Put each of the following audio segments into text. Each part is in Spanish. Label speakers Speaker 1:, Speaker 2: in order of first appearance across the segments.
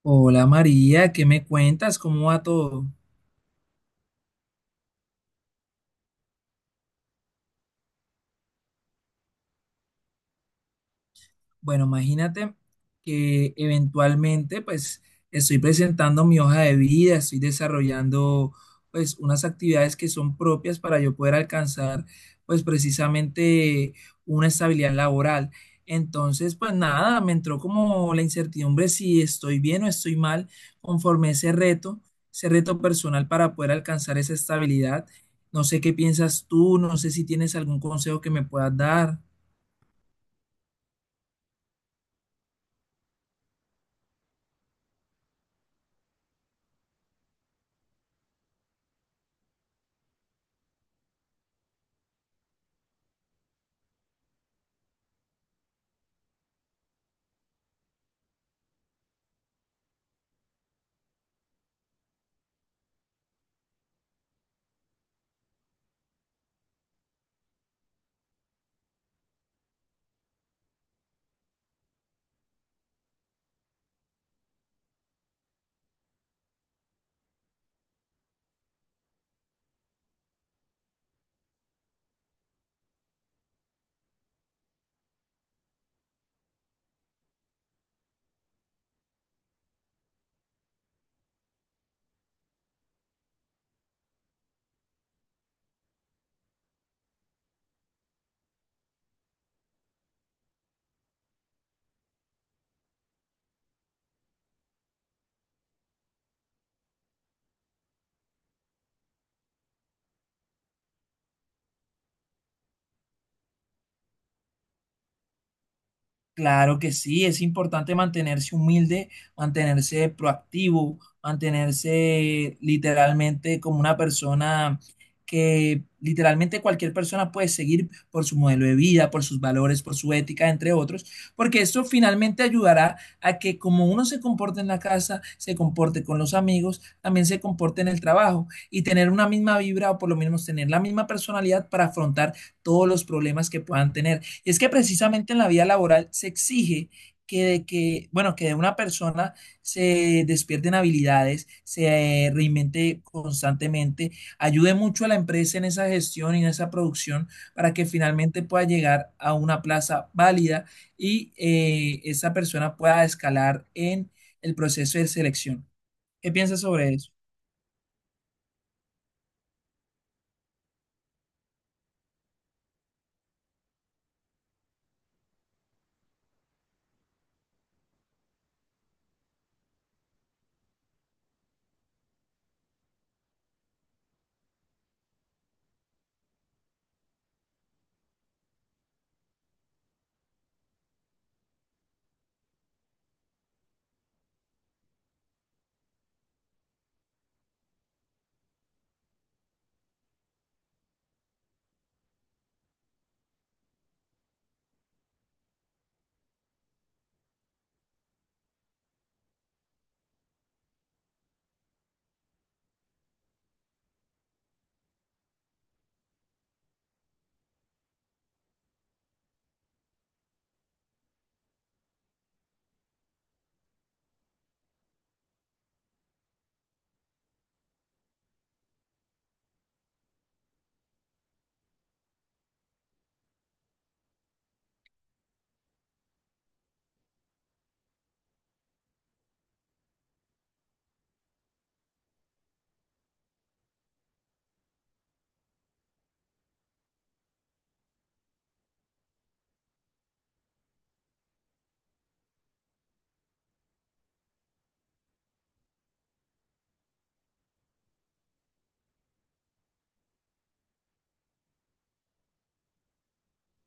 Speaker 1: Hola María, ¿qué me cuentas? ¿Cómo va todo? Bueno, imagínate que eventualmente pues estoy presentando mi hoja de vida, estoy desarrollando pues unas actividades que son propias para yo poder alcanzar pues precisamente una estabilidad laboral. Entonces, pues nada, me entró como la incertidumbre si estoy bien o estoy mal conforme a ese reto personal para poder alcanzar esa estabilidad. No sé qué piensas tú, no sé si tienes algún consejo que me puedas dar. Claro que sí, es importante mantenerse humilde, mantenerse proactivo, mantenerse literalmente como una persona que literalmente cualquier persona puede seguir por su modelo de vida, por sus valores, por su ética, entre otros, porque esto finalmente ayudará a que como uno se comporte en la casa, se comporte con los amigos, también se comporte en el trabajo y tener una misma vibra o por lo menos tener la misma personalidad para afrontar todos los problemas que puedan tener. Es que precisamente en la vida laboral se exige que de que, bueno, que de una persona se despierten habilidades, se reinvente constantemente, ayude mucho a la empresa en esa gestión y en esa producción para que finalmente pueda llegar a una plaza válida y esa persona pueda escalar en el proceso de selección. ¿Qué piensas sobre eso?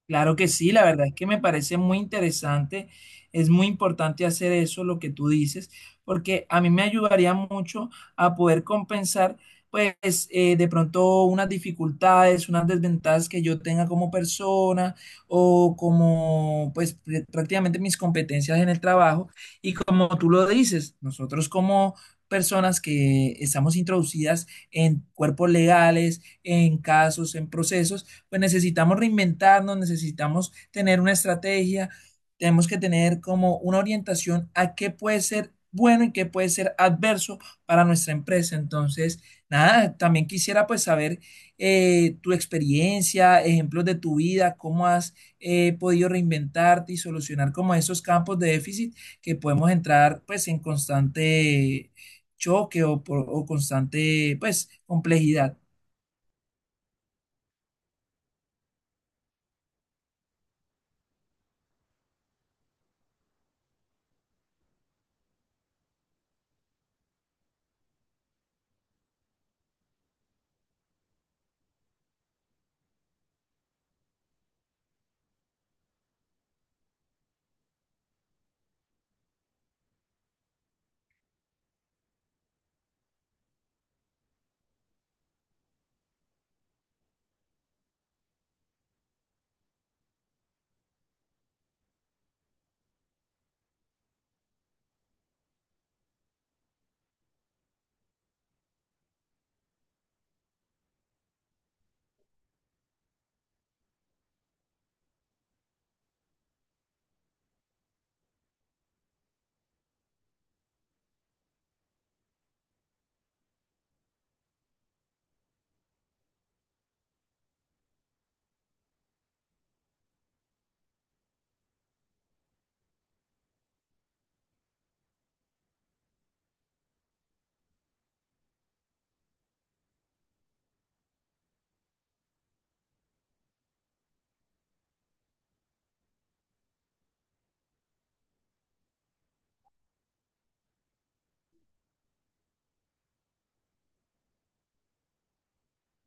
Speaker 1: Claro que sí, la verdad es que me parece muy interesante, es muy importante hacer eso, lo que tú dices, porque a mí me ayudaría mucho a poder compensar, pues, de pronto unas dificultades, unas desventajas que yo tenga como persona o como, pues, prácticamente mis competencias en el trabajo. Y como tú lo dices, nosotros como personas que estamos introducidas en cuerpos legales, en casos, en procesos, pues necesitamos reinventarnos, necesitamos tener una estrategia, tenemos que tener como una orientación a qué puede ser bueno y qué puede ser adverso para nuestra empresa. Entonces, nada, también quisiera pues saber tu experiencia, ejemplos de tu vida, cómo has podido reinventarte y solucionar como esos campos de déficit que podemos entrar pues en constante choque o, o constante pues complejidad.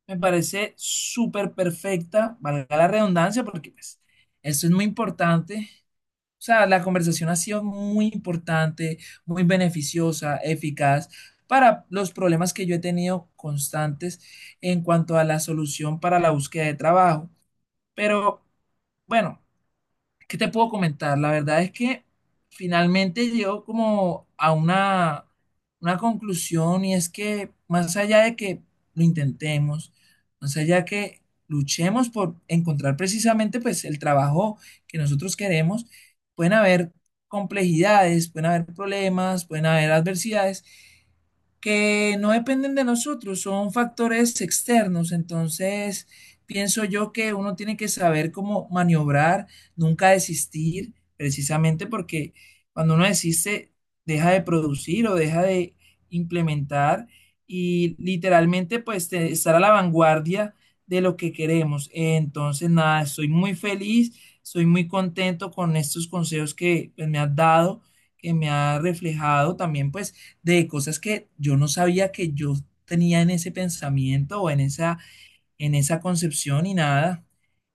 Speaker 1: Me parece súper perfecta, valga la redundancia, porque pues, eso es muy importante. O sea, la conversación ha sido muy importante, muy beneficiosa, eficaz para los problemas que yo he tenido constantes en cuanto a la solución para la búsqueda de trabajo. Pero bueno, ¿qué te puedo comentar? La verdad es que finalmente llego como a una conclusión y es que más allá de que lo intentemos, más allá de que luchemos por encontrar precisamente pues el trabajo que nosotros queremos, pueden haber complejidades, pueden haber problemas, pueden haber adversidades que no dependen de nosotros, son factores externos. Entonces, pienso yo que uno tiene que saber cómo maniobrar, nunca desistir, precisamente porque cuando uno desiste, deja de producir o deja de implementar y literalmente pues de estar a la vanguardia de lo que queremos. Entonces, nada, estoy muy feliz, estoy muy contento con estos consejos que pues, me has dado, que me ha reflejado también pues de cosas que yo no sabía que yo tenía en ese pensamiento o en esa concepción y nada.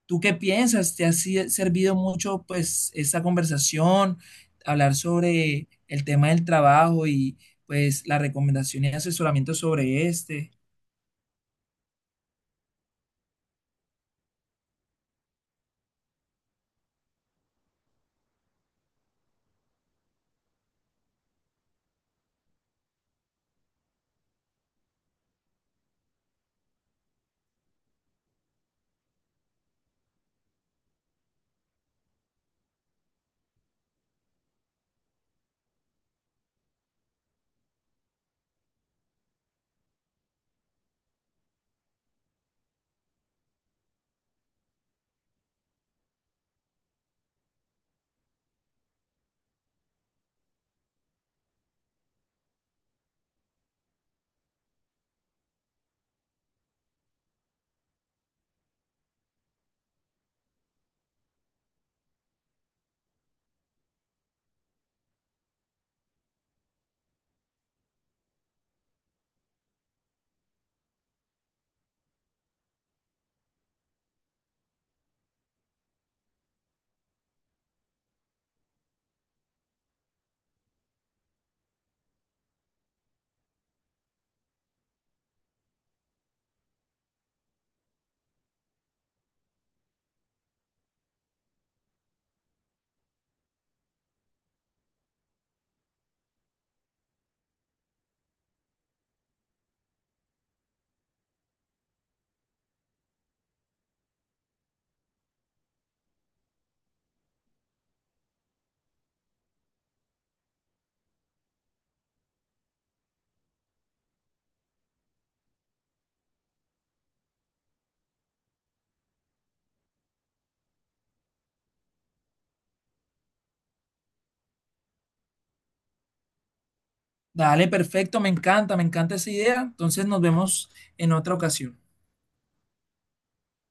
Speaker 1: ¿Tú qué piensas? ¿Te ha servido mucho pues esta conversación, hablar sobre el tema del trabajo y pues la recomendación y asesoramiento sobre este? Dale, perfecto, me encanta esa idea. Entonces nos vemos en otra ocasión.